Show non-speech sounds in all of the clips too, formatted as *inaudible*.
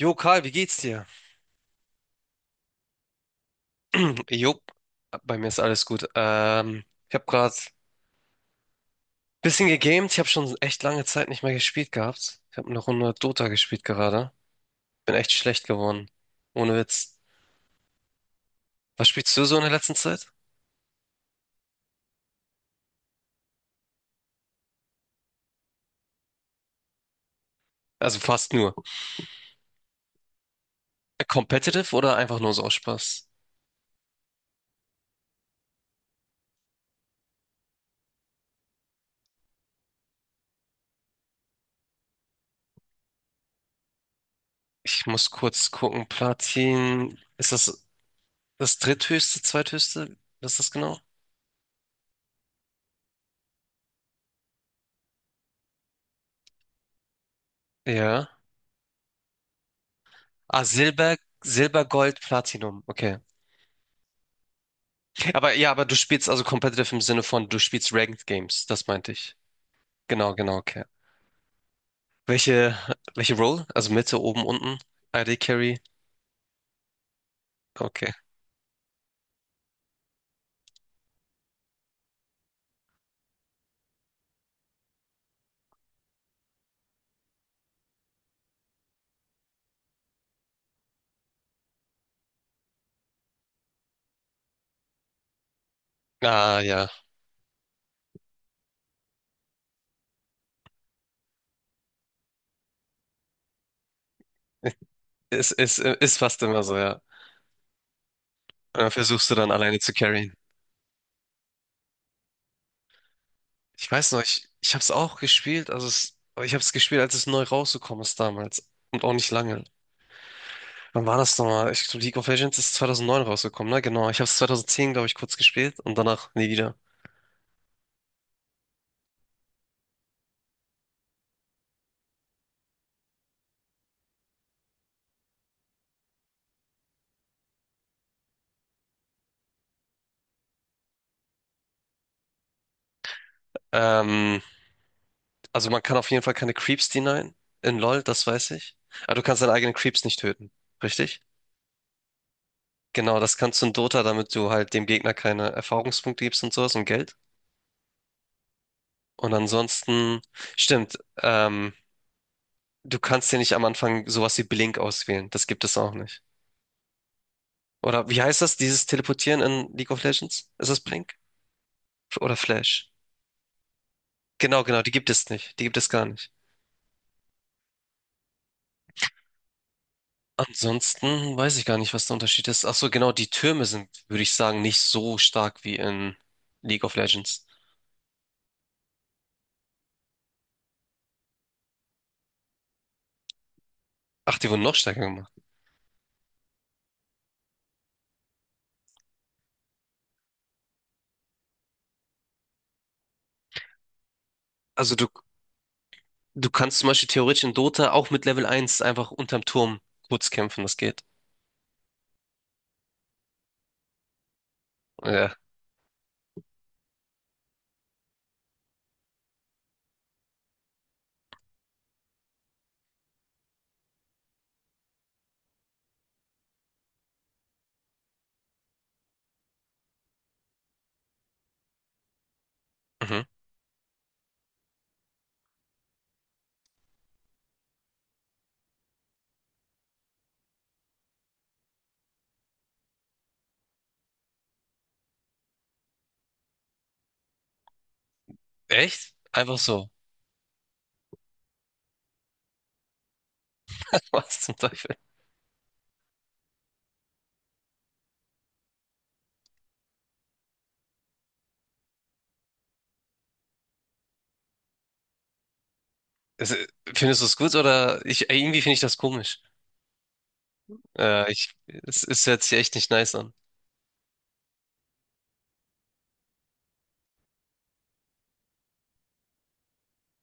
Jo, Karl, wie geht's dir? Jo, bei mir ist alles gut. Ich habe gerade ein bisschen gegamed. Ich habe schon echt lange Zeit nicht mehr gespielt gehabt. Ich habe eine Runde Dota gespielt gerade. Bin echt schlecht geworden. Ohne Witz. Was spielst du so in der letzten Zeit? Also fast nur. Competitive oder einfach nur so aus Spaß? Ich muss kurz gucken. Platin. Ist das das dritthöchste, zweithöchste? Was ist das genau? Ja. Ah, Silber, Silber, Gold, Platinum. Okay. Aber ja, aber du spielst also competitive im Sinne von, du spielst Ranked Games, das meinte ich. Genau, genau, okay. Welche, welche Role? Also Mitte, oben, unten? AD Carry? Okay. Ah, ja. Ist fast immer so, ja. Und dann versuchst du dann alleine zu carryen. Ich weiß noch, ich habe es auch gespielt, also es, ich habe es gespielt, als es neu rausgekommen ist damals. Und auch nicht lange. Wann war das nochmal? Ich glaube, League of Legends ist 2009 rausgekommen, ne? Genau. Ich habe hab's 2010, glaube ich, kurz gespielt und danach nie wieder. Ähm, Also man kann auf jeden Fall keine Creeps denyen in LoL, das weiß ich. Aber du kannst deine eigenen Creeps nicht töten, richtig? Genau, das kannst du in Dota, damit du halt dem Gegner keine Erfahrungspunkte gibst und sowas und Geld. Und ansonsten, stimmt, du kannst dir nicht am Anfang sowas wie Blink auswählen. Das gibt es auch nicht. Oder wie heißt das, dieses Teleportieren in League of Legends? Ist das Blink? Oder Flash? Genau, genau, die gibt es nicht. Die gibt es gar nicht. Ansonsten weiß ich gar nicht, was der Unterschied ist. Ach so, genau, die Türme sind, würde ich sagen, nicht so stark wie in League of Legends. Ach, die wurden noch stärker gemacht. Also du kannst zum Beispiel theoretisch in Dota auch mit Level 1 einfach unterm Turm kurz kämpfen, das geht. Ja. Mhm. Echt? Einfach so. *laughs* Was zum Teufel? Also, findest du es gut oder ich, irgendwie finde ich das komisch. Ich, es, es hört sich echt nicht nice an.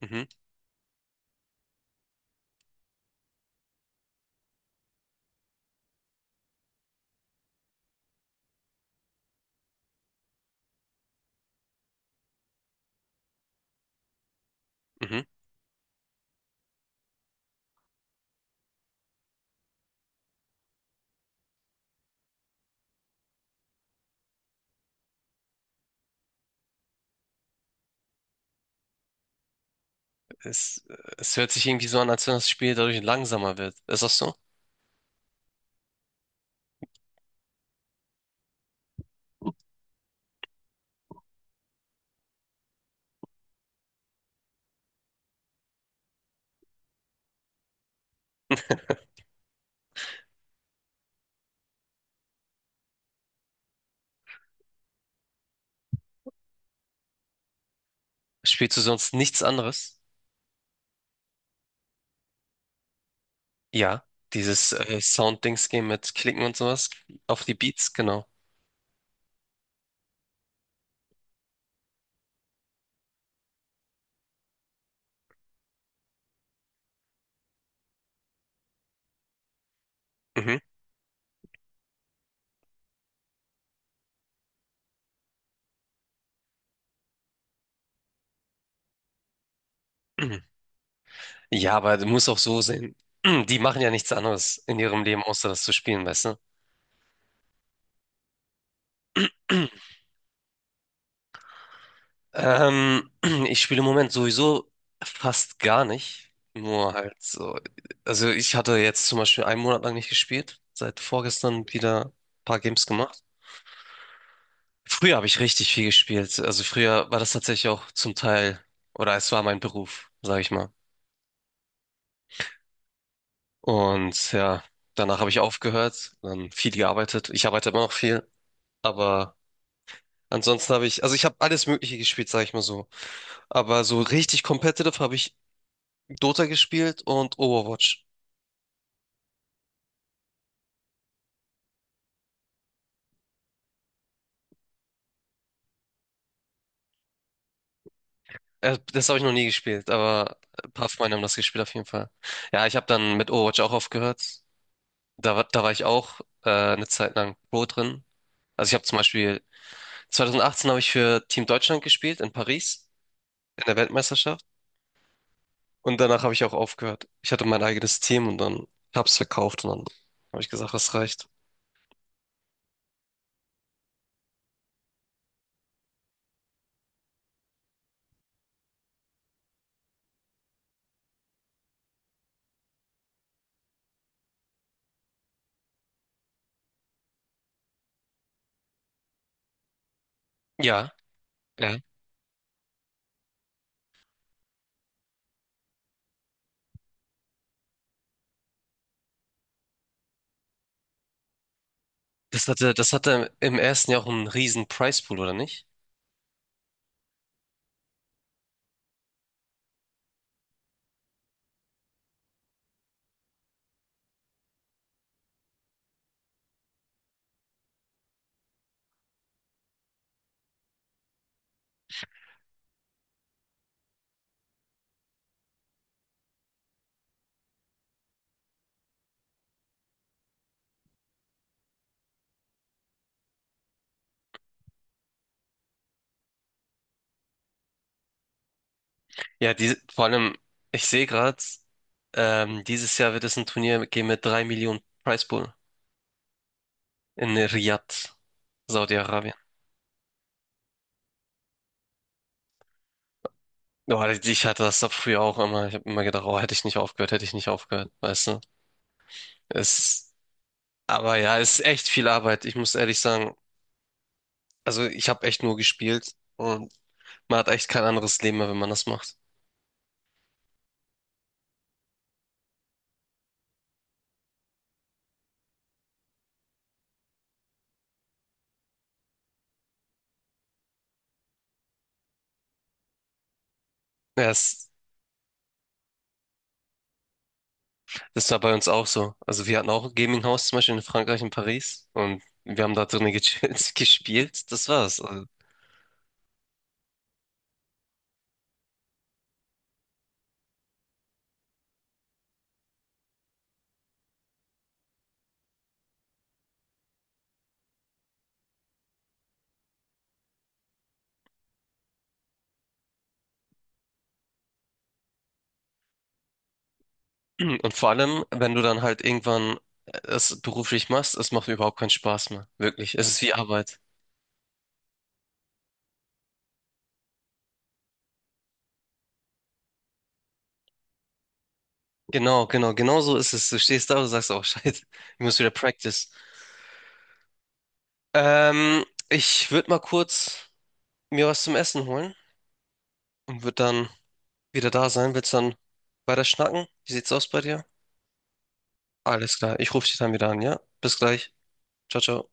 Mhm, mhm. Es, es hört sich irgendwie so an, als wenn das Spiel dadurch langsamer wird. Ist das so? Spielst du sonst nichts anderes? Ja, dieses Sound-Dings-Game mit Klicken und sowas auf die Beats, genau. Mhm. *clears throat* Ja, aber du musst auch so sehen. *clears throat* Die machen ja nichts anderes in ihrem Leben, außer das zu spielen, weißt du? Ähm, *clears throat* ich spiele im Moment sowieso fast gar nicht. Nur halt so. Also ich hatte jetzt zum Beispiel einen Monat lang nicht gespielt. Seit vorgestern wieder ein paar Games gemacht. Früher habe ich richtig viel gespielt. Also früher war das tatsächlich auch zum Teil, oder es war mein Beruf, sage ich mal. Und ja, danach habe ich aufgehört, dann viel gearbeitet. Ich arbeite immer noch viel, aber ansonsten habe ich, also ich habe alles Mögliche gespielt, sage ich mal so. Aber so richtig competitive habe ich Dota gespielt und Overwatch. Das habe ich noch nie gespielt, aber ein paar Freunde haben das gespielt auf jeden Fall. Ja, ich habe dann mit Overwatch auch aufgehört. Da, da war ich auch eine Zeit lang Pro drin. Also ich habe zum Beispiel 2018 habe ich für Team Deutschland gespielt in Paris in der Weltmeisterschaft. Und danach habe ich auch aufgehört. Ich hatte mein eigenes Team und dann hab's verkauft und dann habe ich gesagt, es reicht. Ja, ja. Das hatte im ersten Jahr auch einen riesen Prizepool, oder nicht? Ja, die, vor allem, ich sehe gerade, dieses Jahr wird es ein Turnier geben mit 3 Millionen Prizepool in Riyadh, Saudi-Arabien. Oh, ich hatte das doch früher auch immer. Ich habe immer gedacht, oh, hätte ich nicht aufgehört, hätte ich nicht aufgehört, weißt du? Es, aber ja, es ist echt viel Arbeit. Ich muss ehrlich sagen, also ich habe echt nur gespielt und Man hat echt kein anderes Leben mehr, wenn man das macht. Ja, es, das war bei uns auch so. Also wir hatten auch ein Gaming-Haus zum Beispiel in Frankreich, in Paris. Und wir haben da drinnen gechillt, *laughs* gespielt. Das war's. Also, und vor allem, wenn du dann halt irgendwann es beruflich machst, es macht überhaupt keinen Spaß mehr. Wirklich. Es ist wie Arbeit. Genau, genau, genau so ist es. Du stehst da und sagst, oh, *laughs* Scheiße, ich muss wieder practice. Ich würde mal kurz mir was zum Essen holen und würde dann wieder da sein. Willst du dann weiter schnacken? Wie sieht's aus bei dir? Alles klar, ich rufe dich dann wieder an, ja? Bis gleich. Ciao, ciao.